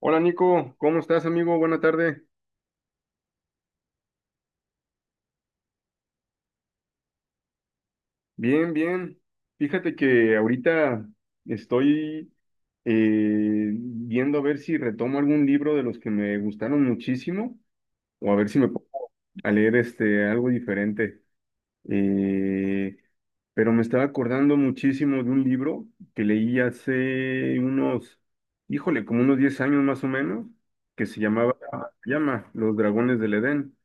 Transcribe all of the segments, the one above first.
Hola Nico, ¿cómo estás amigo? Buena tarde. Bien, bien. Fíjate que ahorita estoy viendo a ver si retomo algún libro de los que me gustaron muchísimo o a ver si me pongo a leer este, algo diferente. Eh, pero me estaba acordando muchísimo de un libro que leí hace unos, híjole, como unos 10 años más o menos, que llama Los Dragones del Edén.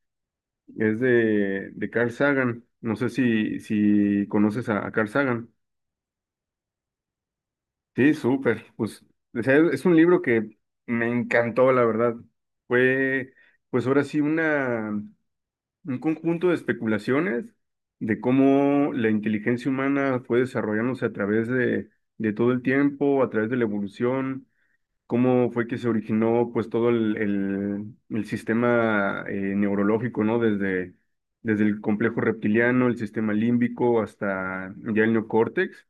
Es de Carl Sagan. No sé si conoces a Carl Sagan. Sí, súper. Pues o sea, es un libro que me encantó, la verdad. Fue, pues ahora sí, un conjunto de especulaciones de cómo la inteligencia humana fue desarrollándose a través de todo el tiempo, a través de la evolución. Cómo fue que se originó pues todo el sistema neurológico, ¿no? Desde el complejo reptiliano, el sistema límbico hasta ya el neocórtex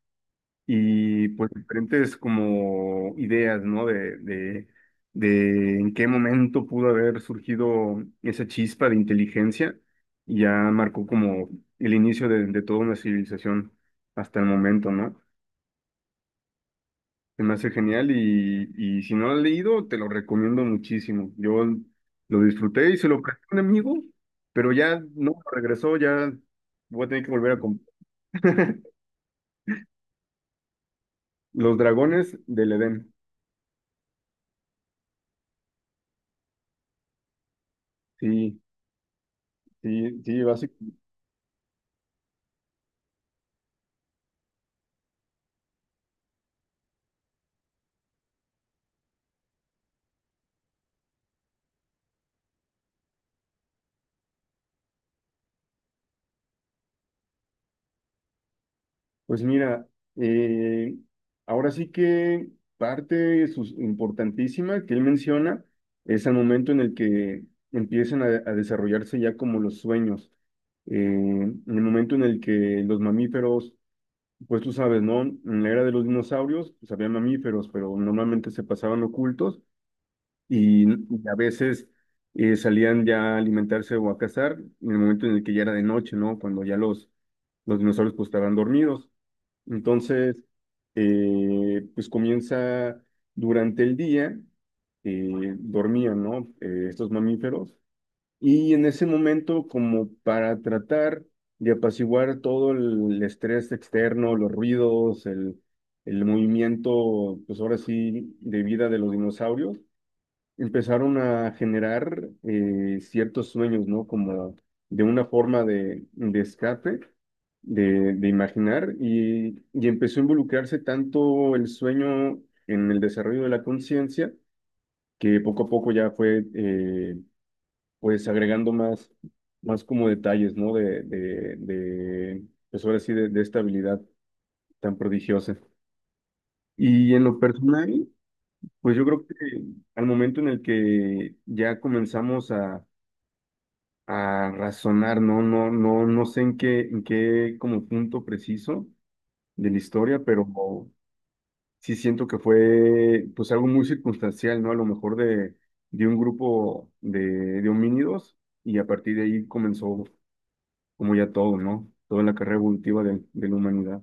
y pues diferentes como ideas, ¿no? De en qué momento pudo haber surgido esa chispa de inteligencia y ya marcó como el inicio de toda una civilización hasta el momento, ¿no? Se me hace genial y si no lo has leído, te lo recomiendo muchísimo. Yo lo disfruté y se lo presté a un amigo, pero ya no regresó, ya voy a tener que volver a comprar. Los dragones del Edén. Sí, sí, sí, básicamente. Pues mira, eh, ahora sí que parte importantísima que él menciona es el momento en el que empiezan a desarrollarse ya como los sueños. En el momento en el que los mamíferos. Pues tú sabes, ¿no? En la era de los dinosaurios, pues había mamíferos, pero normalmente se pasaban ocultos y a veces salían ya a alimentarse o a cazar en el momento en el que ya era de noche, ¿no? Cuando ya los dinosaurios pues estaban dormidos. Entonces, pues comienza durante el día, dormían, ¿no? Estos mamíferos y en ese momento, como para tratar de apaciguar todo el estrés externo, los ruidos, el movimiento, pues ahora sí, de vida de los dinosaurios, empezaron a generar ciertos sueños, ¿no? Como de una forma de escape, de imaginar, y empezó a involucrarse tanto el sueño en el desarrollo de la conciencia, que poco a poco ya fue, pues agregando más, más como detalles, ¿no? De pues ahora sí, de esta habilidad tan prodigiosa. Y en lo personal, pues yo creo que al momento en el que ya comenzamos a razonar, ¿no? No sé en en qué como punto preciso de la historia, pero sí siento que fue pues algo muy circunstancial, ¿no? A lo mejor de un grupo de homínidos y a partir de ahí comenzó como ya todo, ¿no? Toda la carrera evolutiva de la humanidad.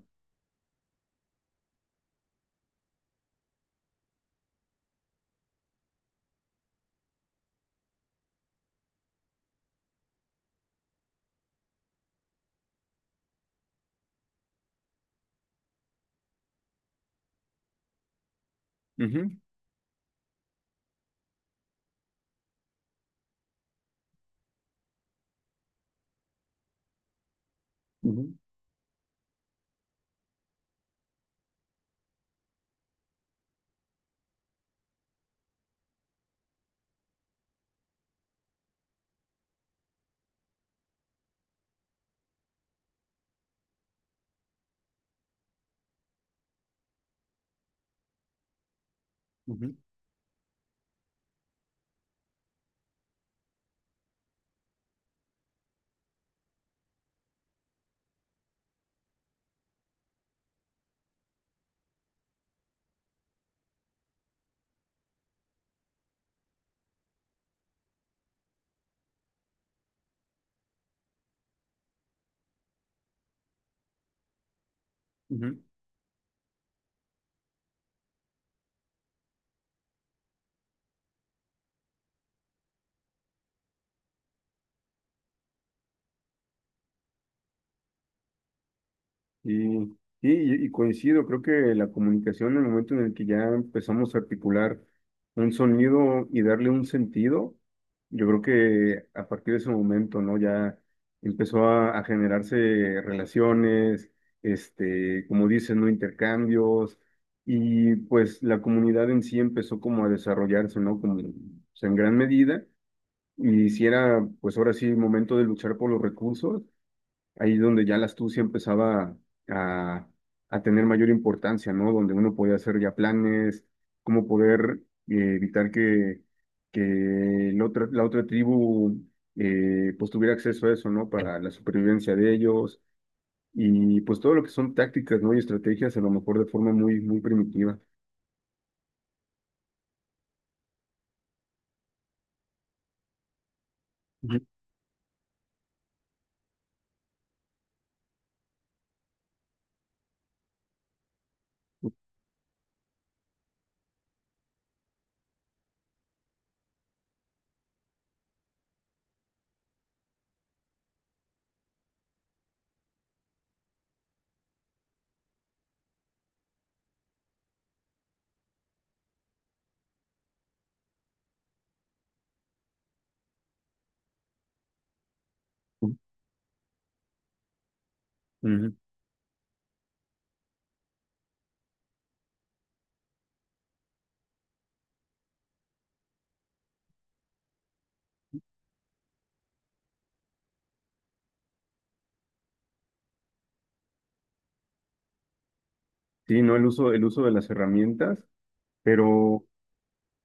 Ujú, ujú, ujú, ujú. Y, sí, y coincido, creo que la comunicación, en el momento en el que ya empezamos a articular un sonido y darle un sentido, yo creo que a partir de ese momento, ¿no? Ya empezó a generarse relaciones, este, como dicen, ¿no? Intercambios, y pues la comunidad en sí empezó como a desarrollarse, ¿no? Como, o sea, en gran medida y si era, pues ahora sí, momento de luchar por los recursos, ahí donde ya la astucia empezaba a, a tener mayor importancia, ¿no? Donde uno podía hacer ya planes, cómo poder evitar que la otra tribu pues tuviera acceso a eso, ¿no? Para la supervivencia de ellos y pues todo lo que son tácticas, ¿no? Y estrategias, a lo mejor de forma muy, muy primitiva. Ujú. Ujú. Sí, ¿no? El uso de las herramientas, pero...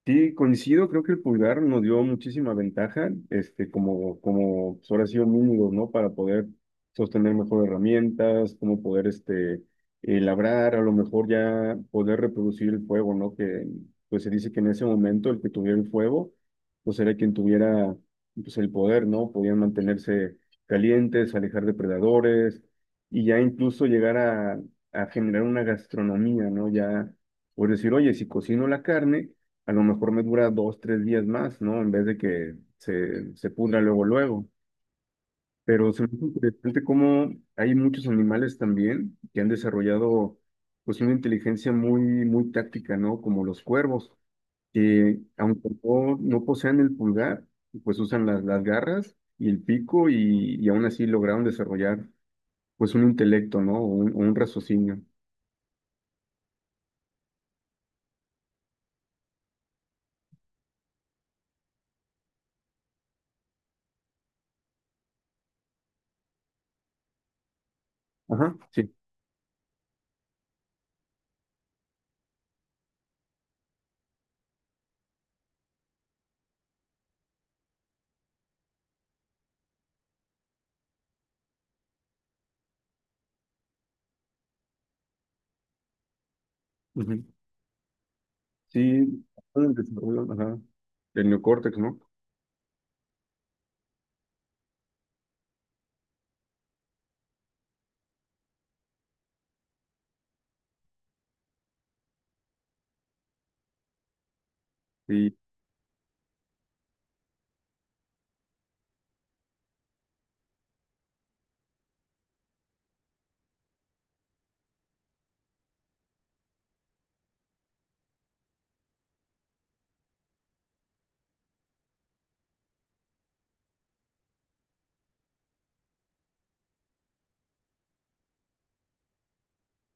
Sí, coincido, creo que el pulgar nos dio muchísima ventaja, este, como, como pues, ahora sí homínidos, ¿no? Para poder sostener mejor herramientas, como poder, este, labrar, a lo mejor ya poder reproducir el fuego, ¿no? Que, pues se dice que en ese momento el que tuviera el fuego, pues era quien tuviera, pues el poder, ¿no? Podían mantenerse calientes, alejar depredadores y ya incluso llegar a generar una gastronomía, ¿no? Ya, por decir, oye, si cocino la carne a lo mejor me dura dos, tres días más, ¿no? En vez de que se pudra luego, luego. Pero se me hace interesante cómo hay muchos animales también que han desarrollado pues una inteligencia muy, muy táctica, ¿no? Como los cuervos, que aunque no posean el pulgar, pues usan las garras y el pico y aún así lograron desarrollar pues un intelecto, ¿no? O un raciocinio. Ajá, sí. Ujú. Sí, el desarrollo, ajá, del neocórtex, ¿no? Sí,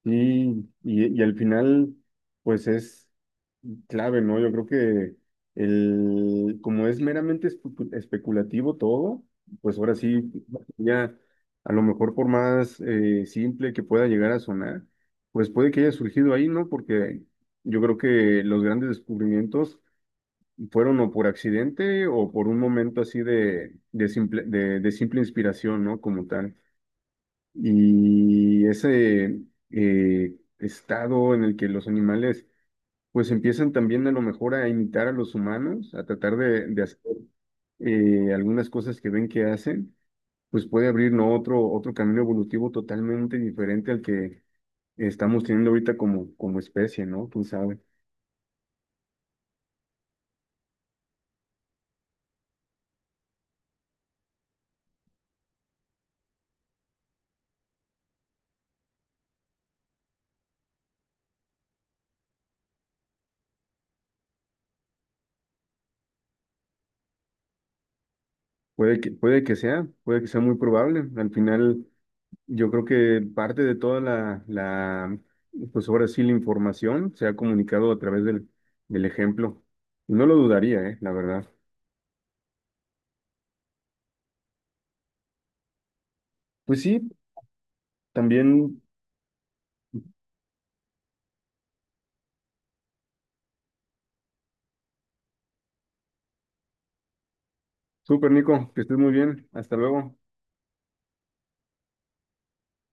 sí, y al final, pues es clave, ¿no? Yo creo que el, como es meramente especulativo todo, pues ahora sí, ya a lo mejor por más simple que pueda llegar a sonar, pues puede que haya surgido ahí, ¿no? Porque yo creo que los grandes descubrimientos fueron o por accidente o por un momento así de simple inspiración, ¿no? Como tal y ese estado en el que los animales pues empiezan también a lo mejor a imitar a los humanos, a tratar de hacer algunas cosas que ven que hacen, pues puede abrir ¿no? otro, otro camino evolutivo totalmente diferente al que estamos teniendo ahorita como, como especie, ¿no? Quién sabe. Puede que sea muy probable. Al final, yo creo que parte de toda la, pues ahora sí, la información se ha comunicado a través del ejemplo. No lo dudaría, la verdad. Pues sí, también, súper Nico, que estés muy bien. Hasta luego.